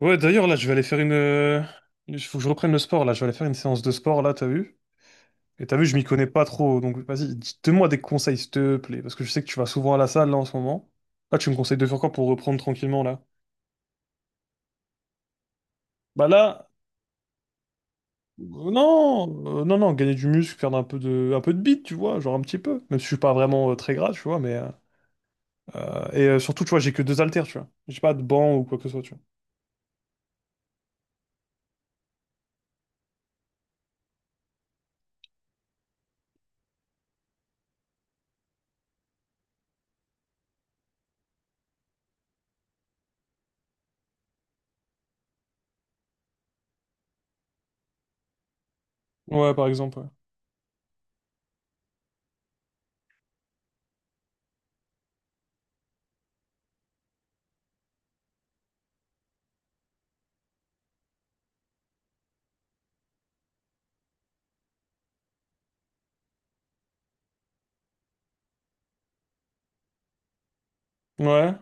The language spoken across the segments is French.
Ouais, d'ailleurs, là, je vais aller faire une. Il faut que je reprenne le sport, là. Je vais aller faire une séance de sport, là, t'as vu? Et t'as vu, je m'y connais pas trop. Donc, vas-y, donne-moi des conseils, s'il te plaît. Parce que je sais que tu vas souvent à la salle, là, en ce moment. Là, tu me conseilles de faire quoi pour reprendre tranquillement, là? Bah là, euh, non, non, non, gagner du muscle, faire un peu de bite, tu vois, genre un petit peu. Même si je suis pas vraiment très gras, tu vois, mais... Et surtout, tu vois, j'ai que deux haltères, tu vois. J'ai pas de banc ou quoi que ce soit, tu vois. Ouais, par exemple, ouais. Ouais.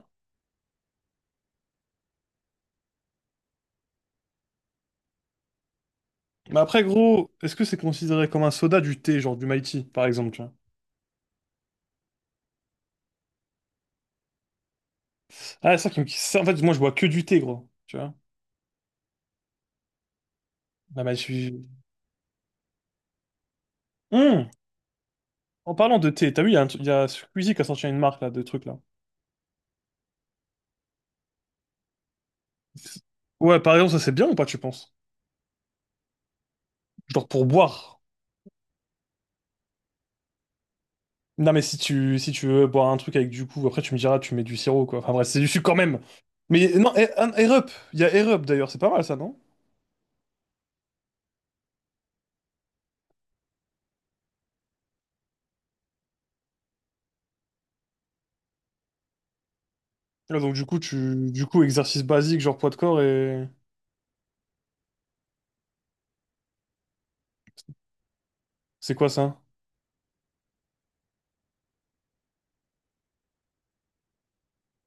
Mais après, gros, est-ce que c'est considéré comme un soda du thé, genre du Mighty, par exemple? Ah, c'est ça qui me... En fait, moi, je bois que du thé, gros. Tu vois? Là, bah, Hum. En parlant de thé, t'as vu, il y a Squeezie qui a sorti une marque, là, de trucs, là. Ouais, par exemple, ça, c'est bien ou pas, tu penses? Genre pour boire. Non, mais si tu veux boire un truc avec du coup, après, tu me diras, tu mets du sirop, quoi. Enfin, bref, c'est du sucre quand même. Mais non, Air Up. Il y a Air Up, d'ailleurs. C'est pas mal, ça, non? Là, donc, du coup, tu... Du coup, exercice basique, genre poids de corps et... C'est quoi, ça?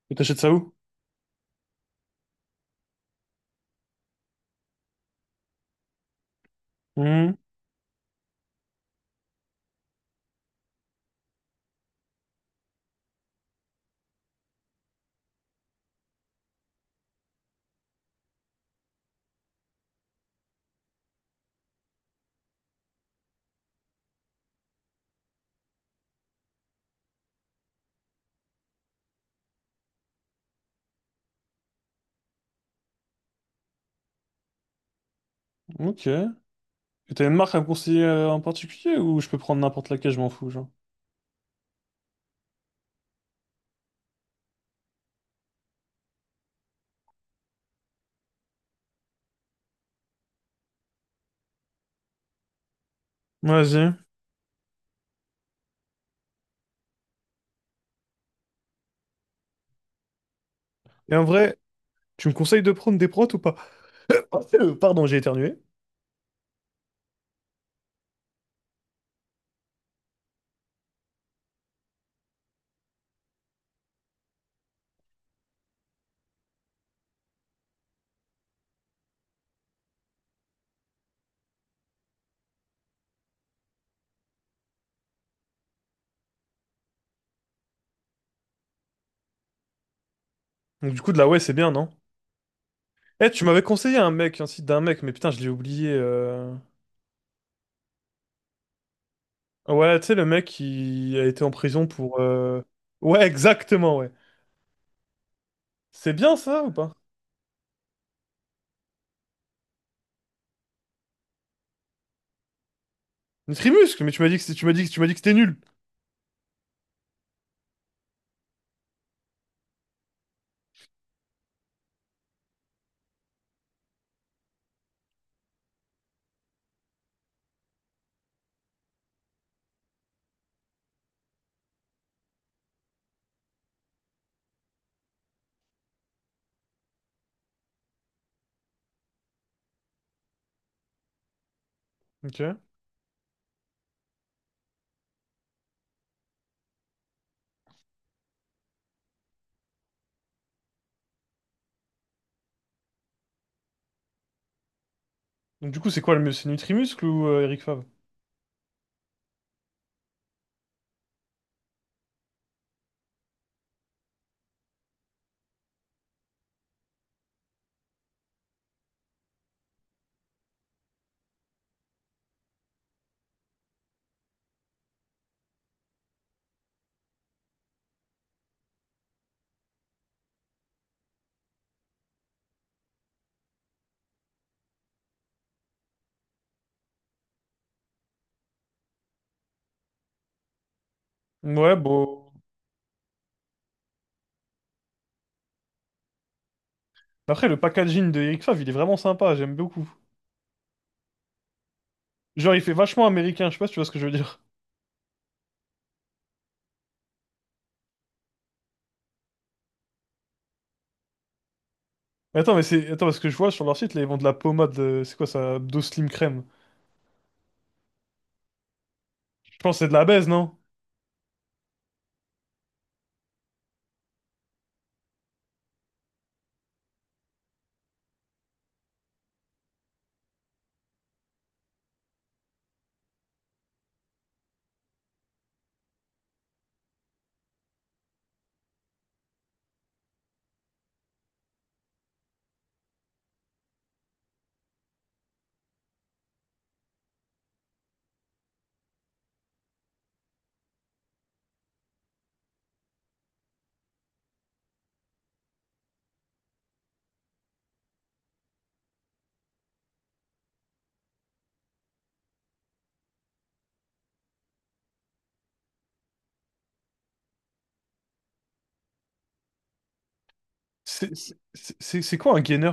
Et t'achètes ça où? Hmm. Ok. Et t'as une marque à me conseiller en particulier, ou je peux prendre n'importe laquelle, je m'en fous, genre? Vas-y. Et en vrai, tu me conseilles de prendre des prods ou pas? Pardon, j'ai éternué. Donc du coup, de la ouais, c'est bien, non? Eh, tu m'avais conseillé un mec, un site d'un mec, mais putain, je l'ai oublié. Ouais, tu sais, le mec qui a été en prison pour... Ouais, exactement, ouais. C'est bien ça ou pas? Nutrimuscle, mais tu m'as dit que c'était nul. Ok. Donc du coup, c'est quoi le mieux? C'est Nutrimuscle ou Eric Favre? Ouais, bon... Après, le packaging de Eric Favre, il est vraiment sympa, j'aime beaucoup. Genre, il fait vachement américain, je sais pas si tu vois ce que je veux dire. Mais attends, mais c'est... Attends, parce que je vois sur leur site, là, ils vendent de la pommade, c'est quoi ça? Dos Slim Crème. Je pense que c'est de la baise, non? C'est quoi un gainer?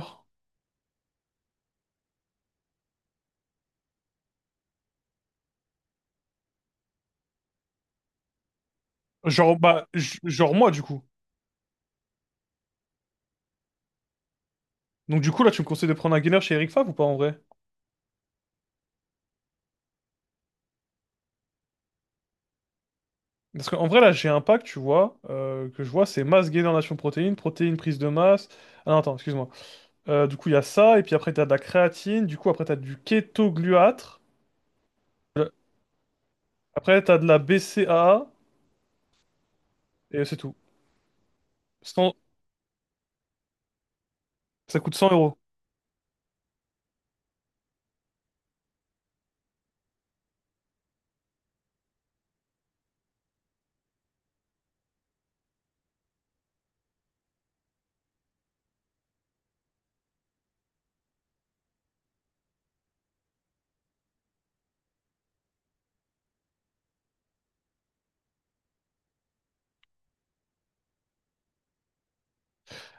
Genre, bah, genre moi, du coup. Donc du coup, là, tu me conseilles de prendre un gainer chez Eric Fav ou pas, en vrai? Parce qu'en vrai, là, j'ai un pack, tu vois, que je vois, c'est masse gainer nation protéines, prise de masse... Ah non, attends, excuse-moi. Du coup, il y a ça, et puis après, t'as de la créatine, du coup, après, t'as du kétogluâtre, après, t'as de la BCAA, et c'est tout. 100... Ça coûte 100 euros.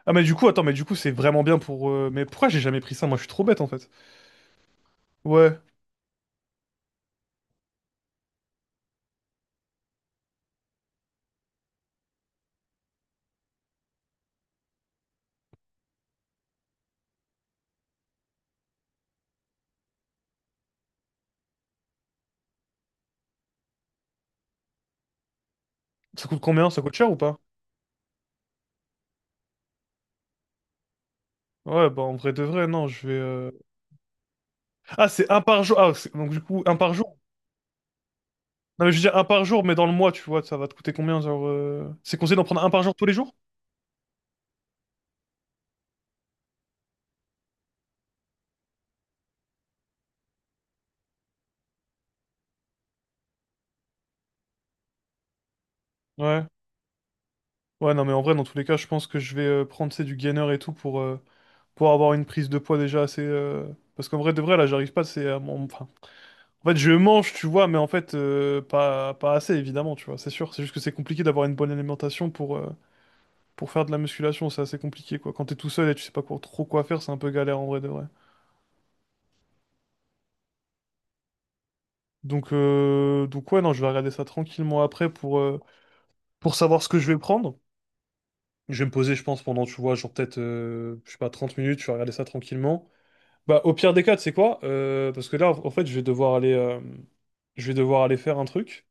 Ah mais du coup, attends, mais du coup, c'est vraiment bien pour... Mais pourquoi j'ai jamais pris ça? Moi, je suis trop bête, en fait. Ouais. Ça coûte combien? Ça coûte cher ou pas? Ouais, bah en vrai de vrai, non, je vais... Ah, c'est un par jour. Ah, donc du coup, un par jour. Non, mais je veux dire un par jour, mais dans le mois, tu vois, ça va te coûter combien, genre... C'est conseillé d'en prendre un par jour tous les jours? Ouais. Ouais, non, mais en vrai, dans tous les cas, je pense que je vais prendre, c'est du gainer et tout pour avoir une prise de poids déjà assez... Parce qu'en vrai de vrai, là, j'arrive pas, c'est... Enfin, en fait, je mange, tu vois, mais en fait, pas assez, évidemment, tu vois, c'est sûr. C'est juste que c'est compliqué d'avoir une bonne alimentation pour faire de la musculation, c'est assez compliqué, quoi. Quand t'es tout seul et tu sais pas trop quoi faire, c'est un peu galère en vrai de vrai. Donc ouais, non, je vais regarder ça tranquillement après pour savoir ce que je vais prendre. Je vais me poser, je pense, pendant, tu vois, genre peut-être, je sais pas, 30 minutes, je vais regarder ça tranquillement. Bah, au pire des cas, tu sais quoi? Parce que là, en fait, je vais devoir aller, je vais devoir aller faire un truc.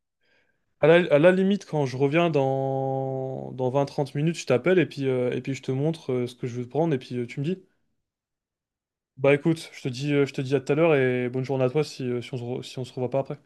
À la limite, quand je reviens dans 20 30 minutes, je t'appelle et puis je te montre ce que je veux prendre et puis tu me dis. Bah écoute, je te dis à tout à l'heure et bonne journée à toi si on se revoit pas après.